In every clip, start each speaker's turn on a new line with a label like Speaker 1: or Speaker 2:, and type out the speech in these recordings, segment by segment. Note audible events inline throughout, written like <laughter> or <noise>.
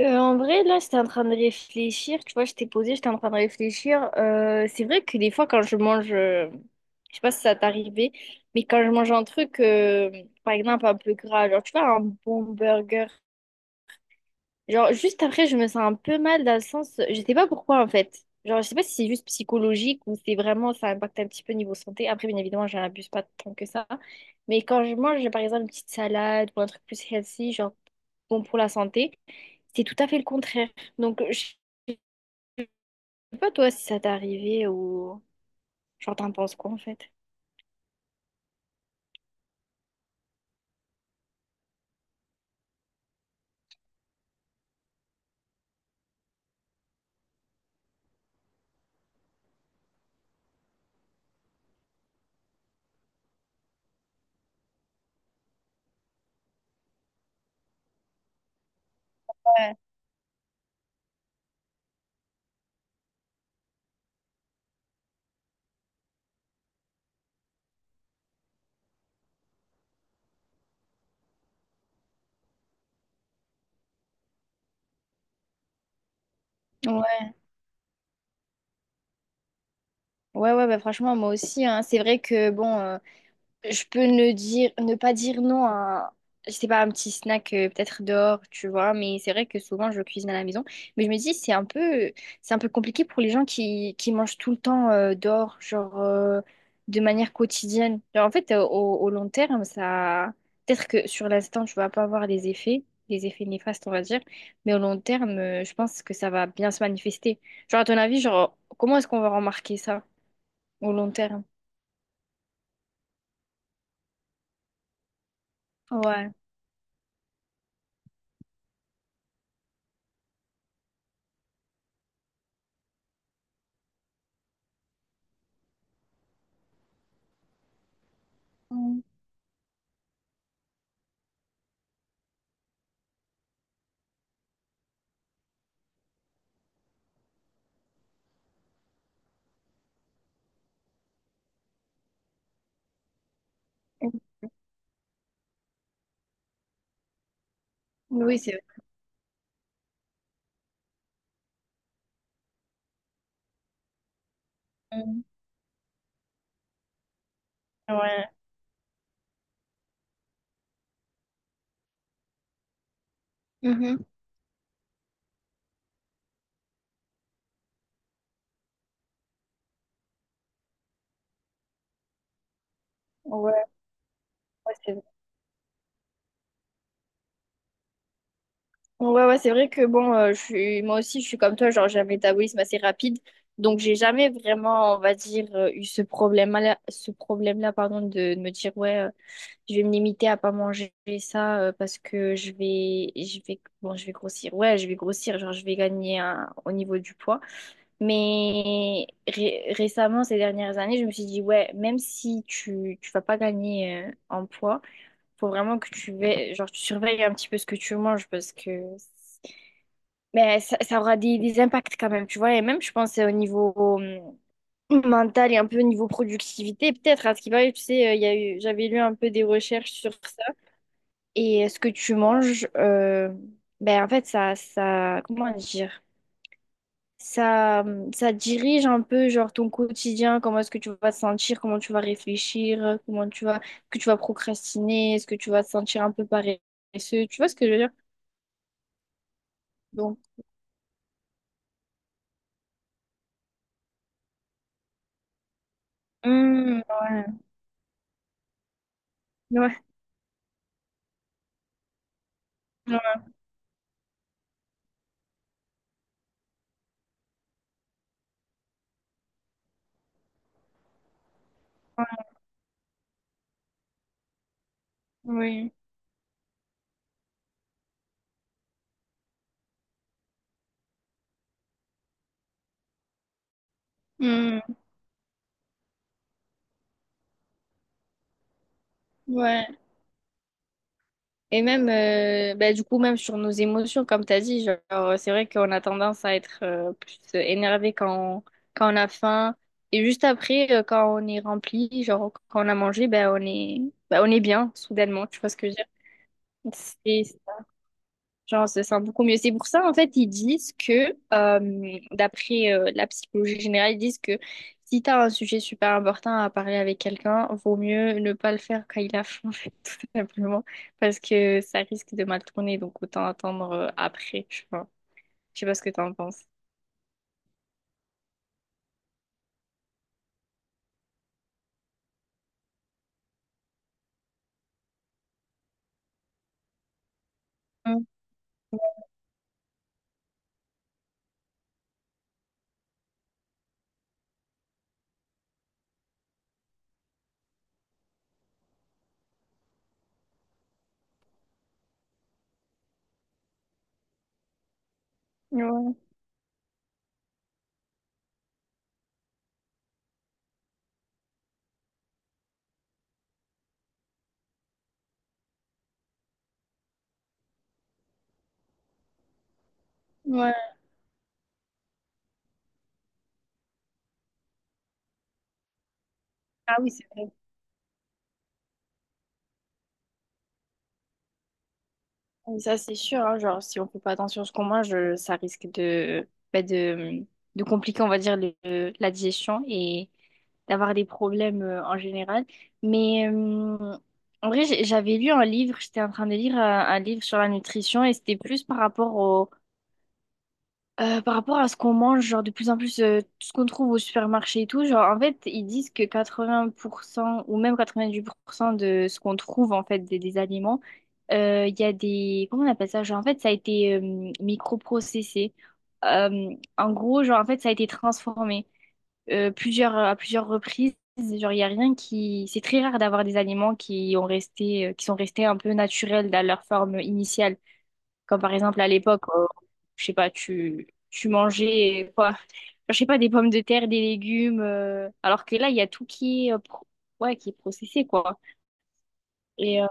Speaker 1: En vrai, là, j'étais en train de réfléchir. Tu vois, j'étais posée, j'étais en train de réfléchir. C'est vrai que des fois, quand je mange, je sais pas si ça t'est arrivé, mais quand je mange un truc, par exemple, un peu gras, genre, tu vois, un bon burger, genre, juste après, je me sens un peu mal dans le sens, je sais pas pourquoi, en fait. Genre, je sais pas si c'est juste psychologique ou c'est vraiment, ça impacte un petit peu niveau santé. Après, bien évidemment, j'en abuse pas tant que ça. Mais quand je mange, par exemple, une petite salade ou un truc plus healthy, genre, bon pour la santé, c'est tout à fait le contraire. Donc, je sais pas toi si ça t'est arrivé ou genre t'en penses quoi en fait? Ouais, ouais, ouais, bah franchement, moi aussi, hein. C'est vrai que bon. Je peux ne dire, ne pas dire non à, je sais pas, un petit snack peut-être dehors, tu vois. Mais c'est vrai que souvent je cuisine à la maison. Mais je me dis c'est un peu compliqué pour les gens qui mangent tout le temps dehors, de manière quotidienne. Genre, en fait, au long terme, ça, peut-être que sur l'instant tu vas pas avoir les effets néfastes, on va dire. Mais au long terme, je pense que ça va bien se manifester. Genre à ton avis, genre comment est-ce qu'on va remarquer ça au long terme? Ouais. Mm. Oui, c'est. Mm. Ouais. Mhm. Ouais, ouais, c'est vrai. Ouais, ouais, c'est vrai que bon, je suis moi aussi, je suis comme toi, genre j'ai un métabolisme assez rapide, donc j'ai jamais vraiment, on va dire, eu ce problème-là, pardon, de me dire ouais, je vais me limiter à pas manger ça parce que je vais, bon, je vais grossir, ouais, je vais grossir, genre je vais gagner au niveau du poids, mais récemment, ces dernières années, je me suis dit ouais, même si tu vas pas gagner en poids. Faut vraiment que tu veilles, genre, tu surveilles un petit peu ce que tu manges parce que mais ça aura des impacts quand même, tu vois. Et même, je pense, au niveau euh, mental et un peu au niveau productivité, peut-être. À ce qui va tu sais, il y a eu, j'avais lu un peu des recherches sur ça. Et ce que tu manges, ben, en fait, ça, comment dire? Ça, ça dirige un peu genre ton quotidien, comment est-ce que tu vas te sentir, comment tu vas réfléchir, comment tu vas, est-ce que tu vas procrastiner, est-ce que tu vas te sentir un peu paresseux, tu vois ce que je veux dire? Donc, ouais, ouais, ouais, oui. Hum, ouais. Et même, bah, du coup, même sur nos émotions, comme tu as dit, genre, c'est vrai qu'on a tendance à être plus énervé quand on, quand on a faim. Et juste après, quand on est rempli, genre, quand on a mangé, ben on est, bah, on est bien, soudainement, tu vois ce que je veux dire? Genre, on se sent beaucoup mieux. C'est pour ça, en fait, ils disent que, d'après la psychologie générale, ils disent que si tu as un sujet super important à parler avec quelqu'un, vaut mieux ne pas le faire quand il a faim, en fait, <laughs> tout simplement, parce que ça risque de mal tourner, donc autant attendre après, je vois. Je sais pas ce que tu en penses. Mm. Ouais. Ouais. Ah oui, c'est. Et ça, c'est sûr, hein, genre, si on fait pas attention à ce qu'on mange, ça risque de, bah, de compliquer, on va dire, la digestion et d'avoir des problèmes en général. Mais en vrai, j'avais lu un livre, j'étais en train de lire un livre sur la nutrition et c'était plus par rapport au, par rapport à ce qu'on mange, genre de plus en plus, tout ce qu'on trouve au supermarché et tout, genre en fait, ils disent que 80% ou même 98% de ce qu'on trouve en fait des aliments, il y a des, comment on appelle ça? Genre en fait, ça a été microprocessé. Euh, En gros, genre en fait, ça a été transformé à plusieurs reprises. Genre, il y a rien qui, c'est très rare d'avoir des aliments qui ont resté, qui sont restés un peu naturels dans leur forme initiale. Comme par exemple à l'époque, je sais pas, tu mangeais quoi? Je sais pas, des pommes de terre, des légumes. Alors que là, il y a tout qui est, ouais, qui est processé, quoi. Et,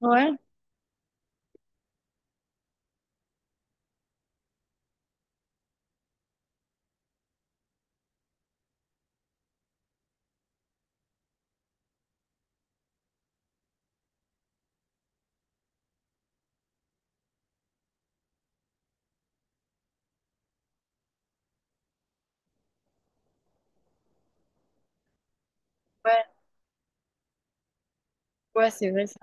Speaker 1: ouais, ouais, ouais, c'est vrai ça.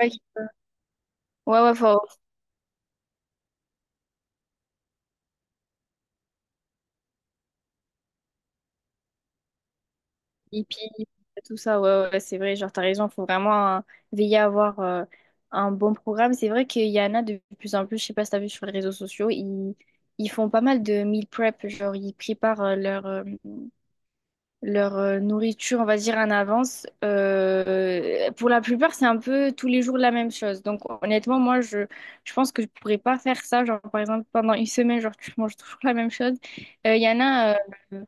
Speaker 1: Ouais, ouais, ouais, faut hippie, tout ça, ouais, ouais, c'est vrai, genre, t'as raison, faut vraiment veiller à avoir un bon programme. C'est vrai qu'il y en a de plus en plus, je sais pas si t'as vu sur les réseaux sociaux, ils font pas mal de meal prep, genre, ils préparent leur, leur nourriture, on va dire, en avance. Pour la plupart, c'est un peu tous les jours la même chose. Donc, honnêtement, moi, je pense que je pourrais pas faire ça. Genre, par exemple, pendant une semaine, genre, tu manges toujours la même chose. Il y en a, euh,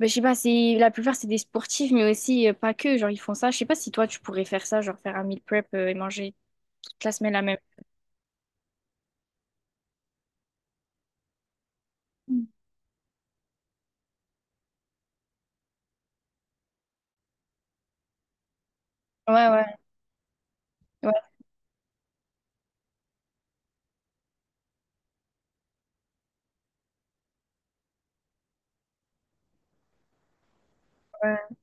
Speaker 1: ben, je sais pas, c'est, la plupart, c'est des sportifs, mais aussi pas que. Genre, ils font ça. Je sais pas si toi, tu pourrais faire ça, genre, faire un meal prep et manger toute la semaine la même. Mm. Ouais, ouais, ouais, ouais.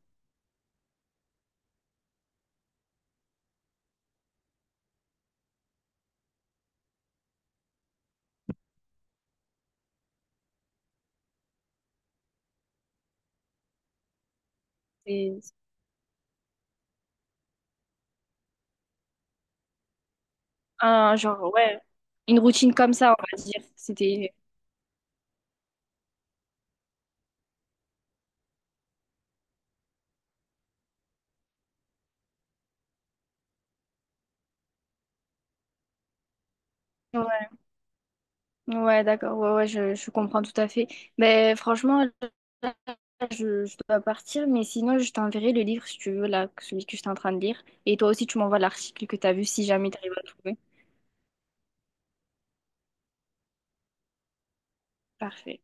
Speaker 1: C'est un, genre, ouais, une routine comme ça, on va dire. C'était. Ouais, d'accord, ouais, ouais, je comprends tout à fait. Mais franchement, là, je dois partir, mais sinon, je t'enverrai le livre si tu veux, là, celui que j'étais en train de lire. Et toi aussi, tu m'envoies l'article que tu as vu si jamais tu arrives à le trouver. Parfait.